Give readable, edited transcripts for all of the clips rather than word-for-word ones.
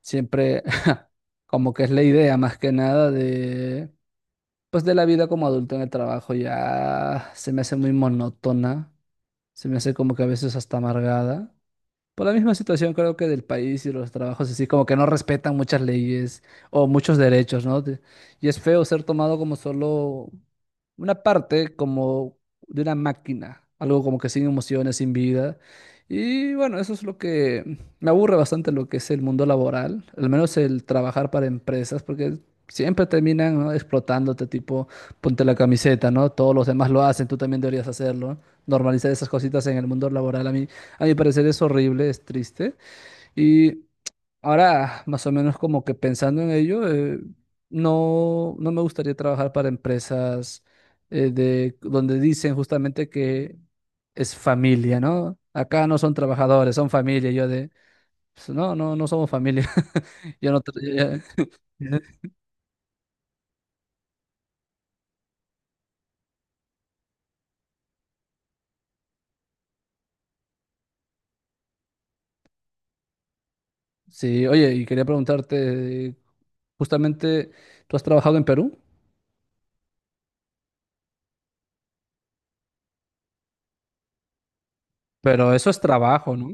Siempre como que es la idea más que nada de, pues de la vida como adulto en el trabajo, ya se me hace muy monótona, se me hace como que a veces hasta amargada. Por la misma situación creo que del país y los trabajos así, como que no respetan muchas leyes o muchos derechos, ¿no? Y es feo ser tomado como solo una parte, como de una máquina, algo como que sin emociones, sin vida. Y bueno, eso es lo que me aburre bastante lo que es el mundo laboral, al menos el trabajar para empresas, porque siempre terminan, ¿no?, explotándote, tipo, ponte la camiseta, ¿no? Todos los demás lo hacen, tú también deberías hacerlo, ¿no? Normalizar esas cositas en el mundo laboral a mi parecer es horrible, es triste. Y ahora, más o menos como que pensando en ello, no me gustaría trabajar para empresas donde dicen justamente que es familia, ¿no? Acá no son trabajadores, son familia. Y yo de, pues, no somos familia. Yo no... tra- ya- Sí, oye, y quería preguntarte, justamente, tú has trabajado en Perú, pero eso es trabajo, ¿no?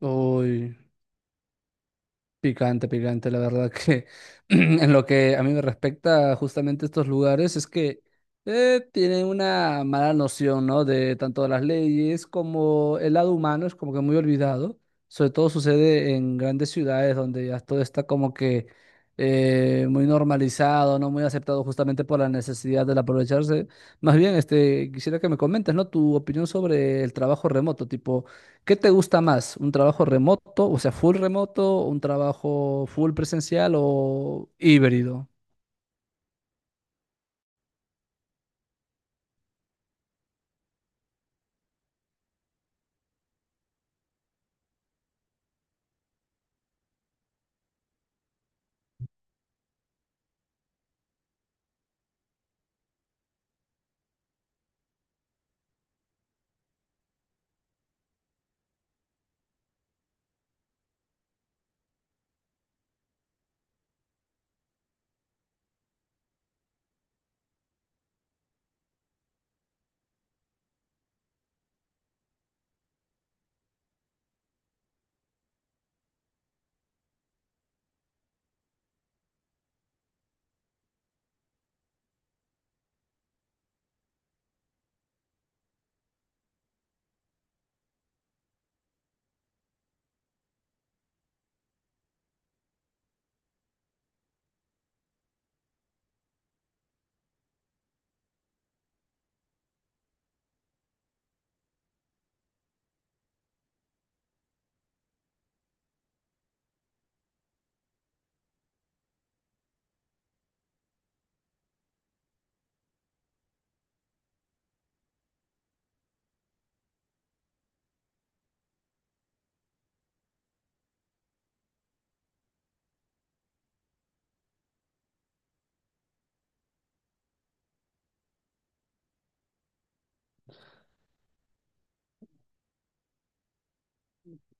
Uy. Picante, picante, la verdad que en lo que a mí me respecta justamente estos lugares es que tienen una mala noción, ¿no?, de tanto de las leyes como el lado humano es como que muy olvidado. Sobre todo sucede en grandes ciudades donde ya todo está como que muy normalizado, ¿no? Muy aceptado justamente por la necesidad del aprovecharse. Más bien, este, quisiera que me comentes, ¿no?, tu opinión sobre el trabajo remoto, tipo... ¿Qué te gusta más? ¿Un trabajo remoto, o sea, full remoto, un trabajo full presencial o híbrido?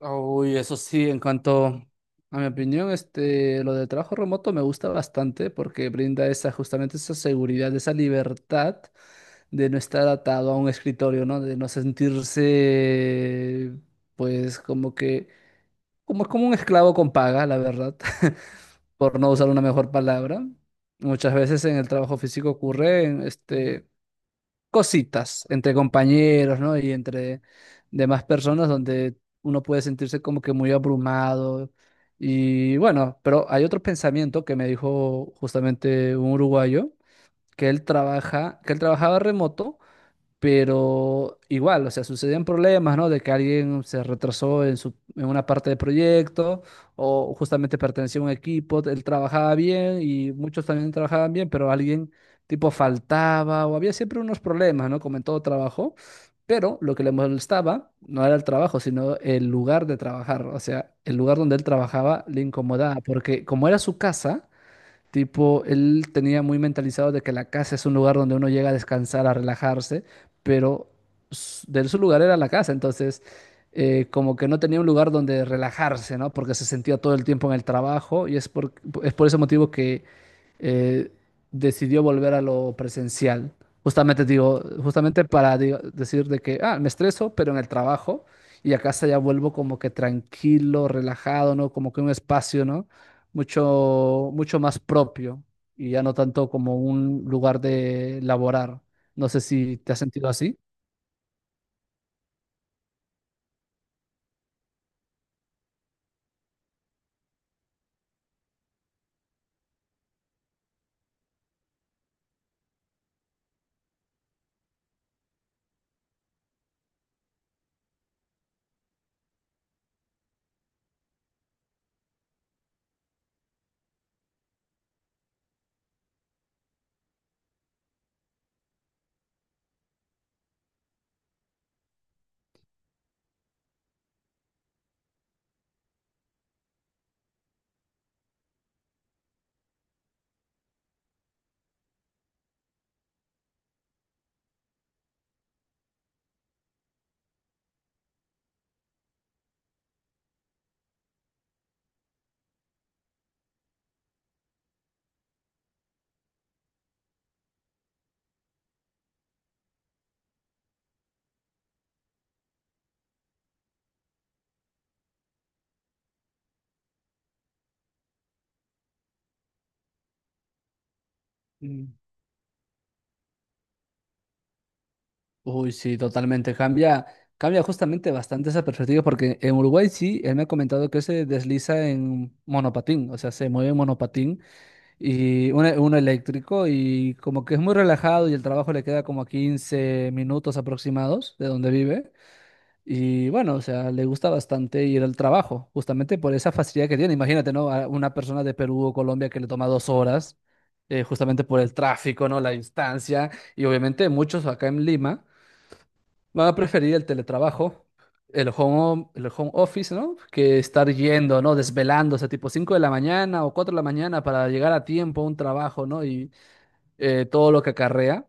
Uy, eso sí, en cuanto a mi opinión, este, lo del trabajo remoto me gusta bastante porque brinda esa, justamente esa seguridad, esa libertad de no estar atado a un escritorio, ¿no? De no sentirse, pues, como que como es como un esclavo con paga, la verdad, por no usar una mejor palabra. Muchas veces en el trabajo físico ocurren este, cositas entre compañeros, ¿no? Y entre demás personas donde uno puede sentirse como que muy abrumado. Y bueno, pero hay otro pensamiento que me dijo justamente un uruguayo, que que él trabajaba remoto pero igual, o sea, sucedían problemas, ¿no? De que alguien se retrasó en su, en una parte del proyecto o justamente pertenecía a un equipo, él trabajaba bien y muchos también trabajaban bien, pero alguien tipo faltaba o había siempre unos problemas, ¿no? Como en todo trabajo, pero lo que le molestaba no era el trabajo, sino el lugar de trabajar, o sea, el lugar donde él trabajaba le incomodaba, porque como era su casa, tipo, él tenía muy mentalizado de que la casa es un lugar donde uno llega a descansar, a relajarse, pero de su lugar era la casa, entonces como que no tenía un lugar donde relajarse, ¿no? Porque se sentía todo el tiempo en el trabajo y es por ese motivo que eh, decidió volver a lo presencial. Justamente decir de que, ah, me estreso, pero en el trabajo y a casa ya vuelvo como que tranquilo, relajado, ¿no? Como que un espacio, ¿no? Mucho, mucho más propio y ya no tanto como un lugar de laborar. No sé si te has sentido así. Mm. Uy, sí, totalmente. Cambia, cambia justamente bastante esa perspectiva porque en Uruguay sí, él me ha comentado que se desliza en monopatín, o sea, se mueve en monopatín y uno, uno eléctrico y como que es muy relajado y el trabajo le queda como a 15 minutos aproximados de donde vive. Y bueno, o sea, le gusta bastante ir al trabajo, justamente por esa facilidad que tiene. Imagínate, ¿no? A una persona de Perú o Colombia que le toma dos horas, justamente por el tráfico, ¿no? La distancia. Y obviamente muchos acá en Lima van a preferir el teletrabajo, el home office, ¿no? Que estar yendo, ¿no? Desvelándose, tipo 5 de la mañana o 4 de la mañana para llegar a tiempo a un trabajo, ¿no? Y todo lo que acarrea.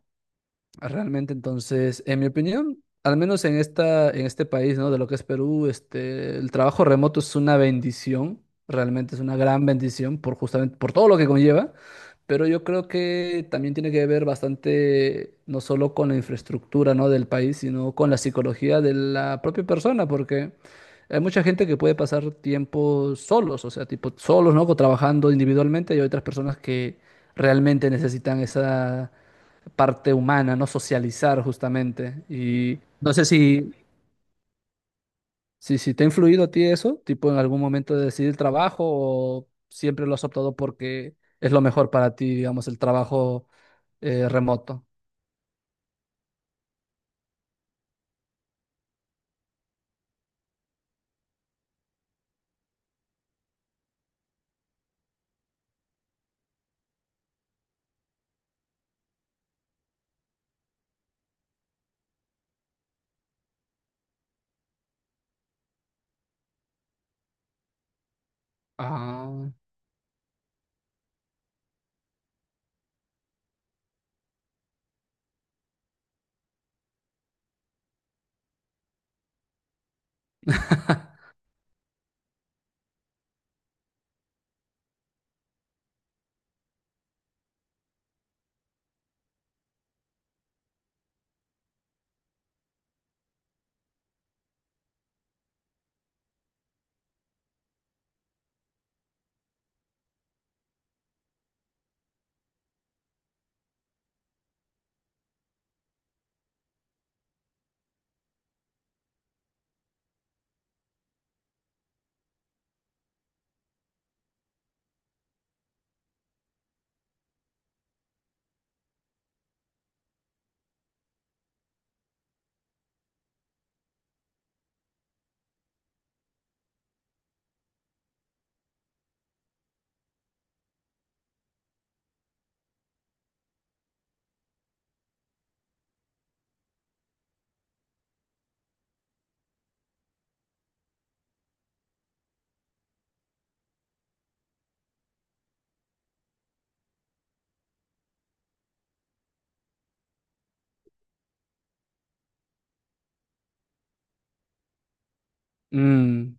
Realmente, entonces, en mi opinión, al menos en esta, en este país, ¿no? De lo que es Perú, este, el trabajo remoto es una bendición, realmente es una gran bendición por justamente por todo lo que conlleva, pero yo creo que también tiene que ver bastante no solo con la infraestructura, ¿no?, del país, sino con la psicología de la propia persona, porque hay mucha gente que puede pasar tiempo solos, o sea, tipo solos, ¿no? Trabajando individualmente, y hay otras personas que realmente necesitan esa parte humana, no socializar justamente. Y no sé si te ha influido a ti eso, tipo en algún momento de decidir trabajo o siempre lo has optado porque es lo mejor para ti, digamos, el trabajo remoto. Ah, mm,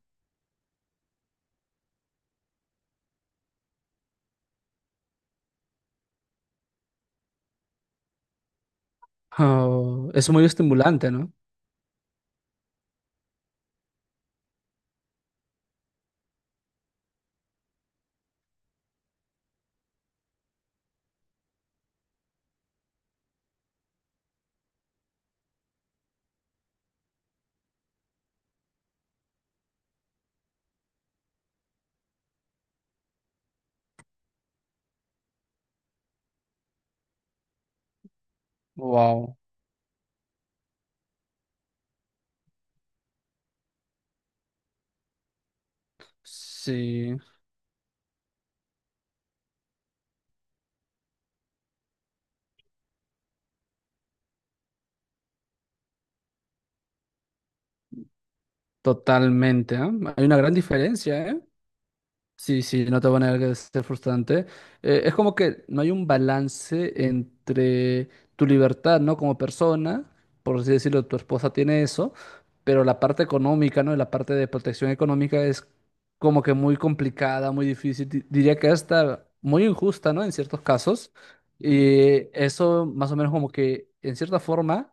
oh, es muy estimulante, ¿no? Wow. Sí, totalmente, ¿eh? Hay una gran diferencia, ¿eh? Sí, sí, no te voy a negar que es frustrante. Es como que no hay un balance entre tu libertad, ¿no?, como persona, por así decirlo, tu esposa tiene eso, pero la parte económica, ¿no? Y la parte de protección económica es como que muy complicada, muy difícil, diría que hasta muy injusta, ¿no? En ciertos casos. Y eso más o menos como que, en cierta forma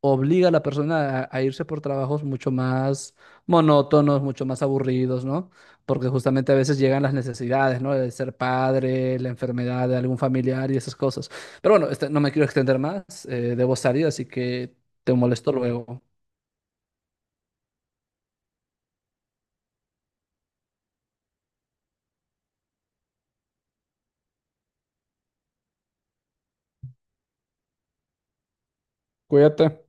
obliga a la persona a irse por trabajos mucho más monótonos, mucho más aburridos, ¿no? Porque justamente a veces llegan las necesidades, ¿no? De ser padre, la enfermedad de algún familiar y esas cosas. Pero bueno, este, no me quiero extender más, debo salir, así que te molesto luego. Cuídate.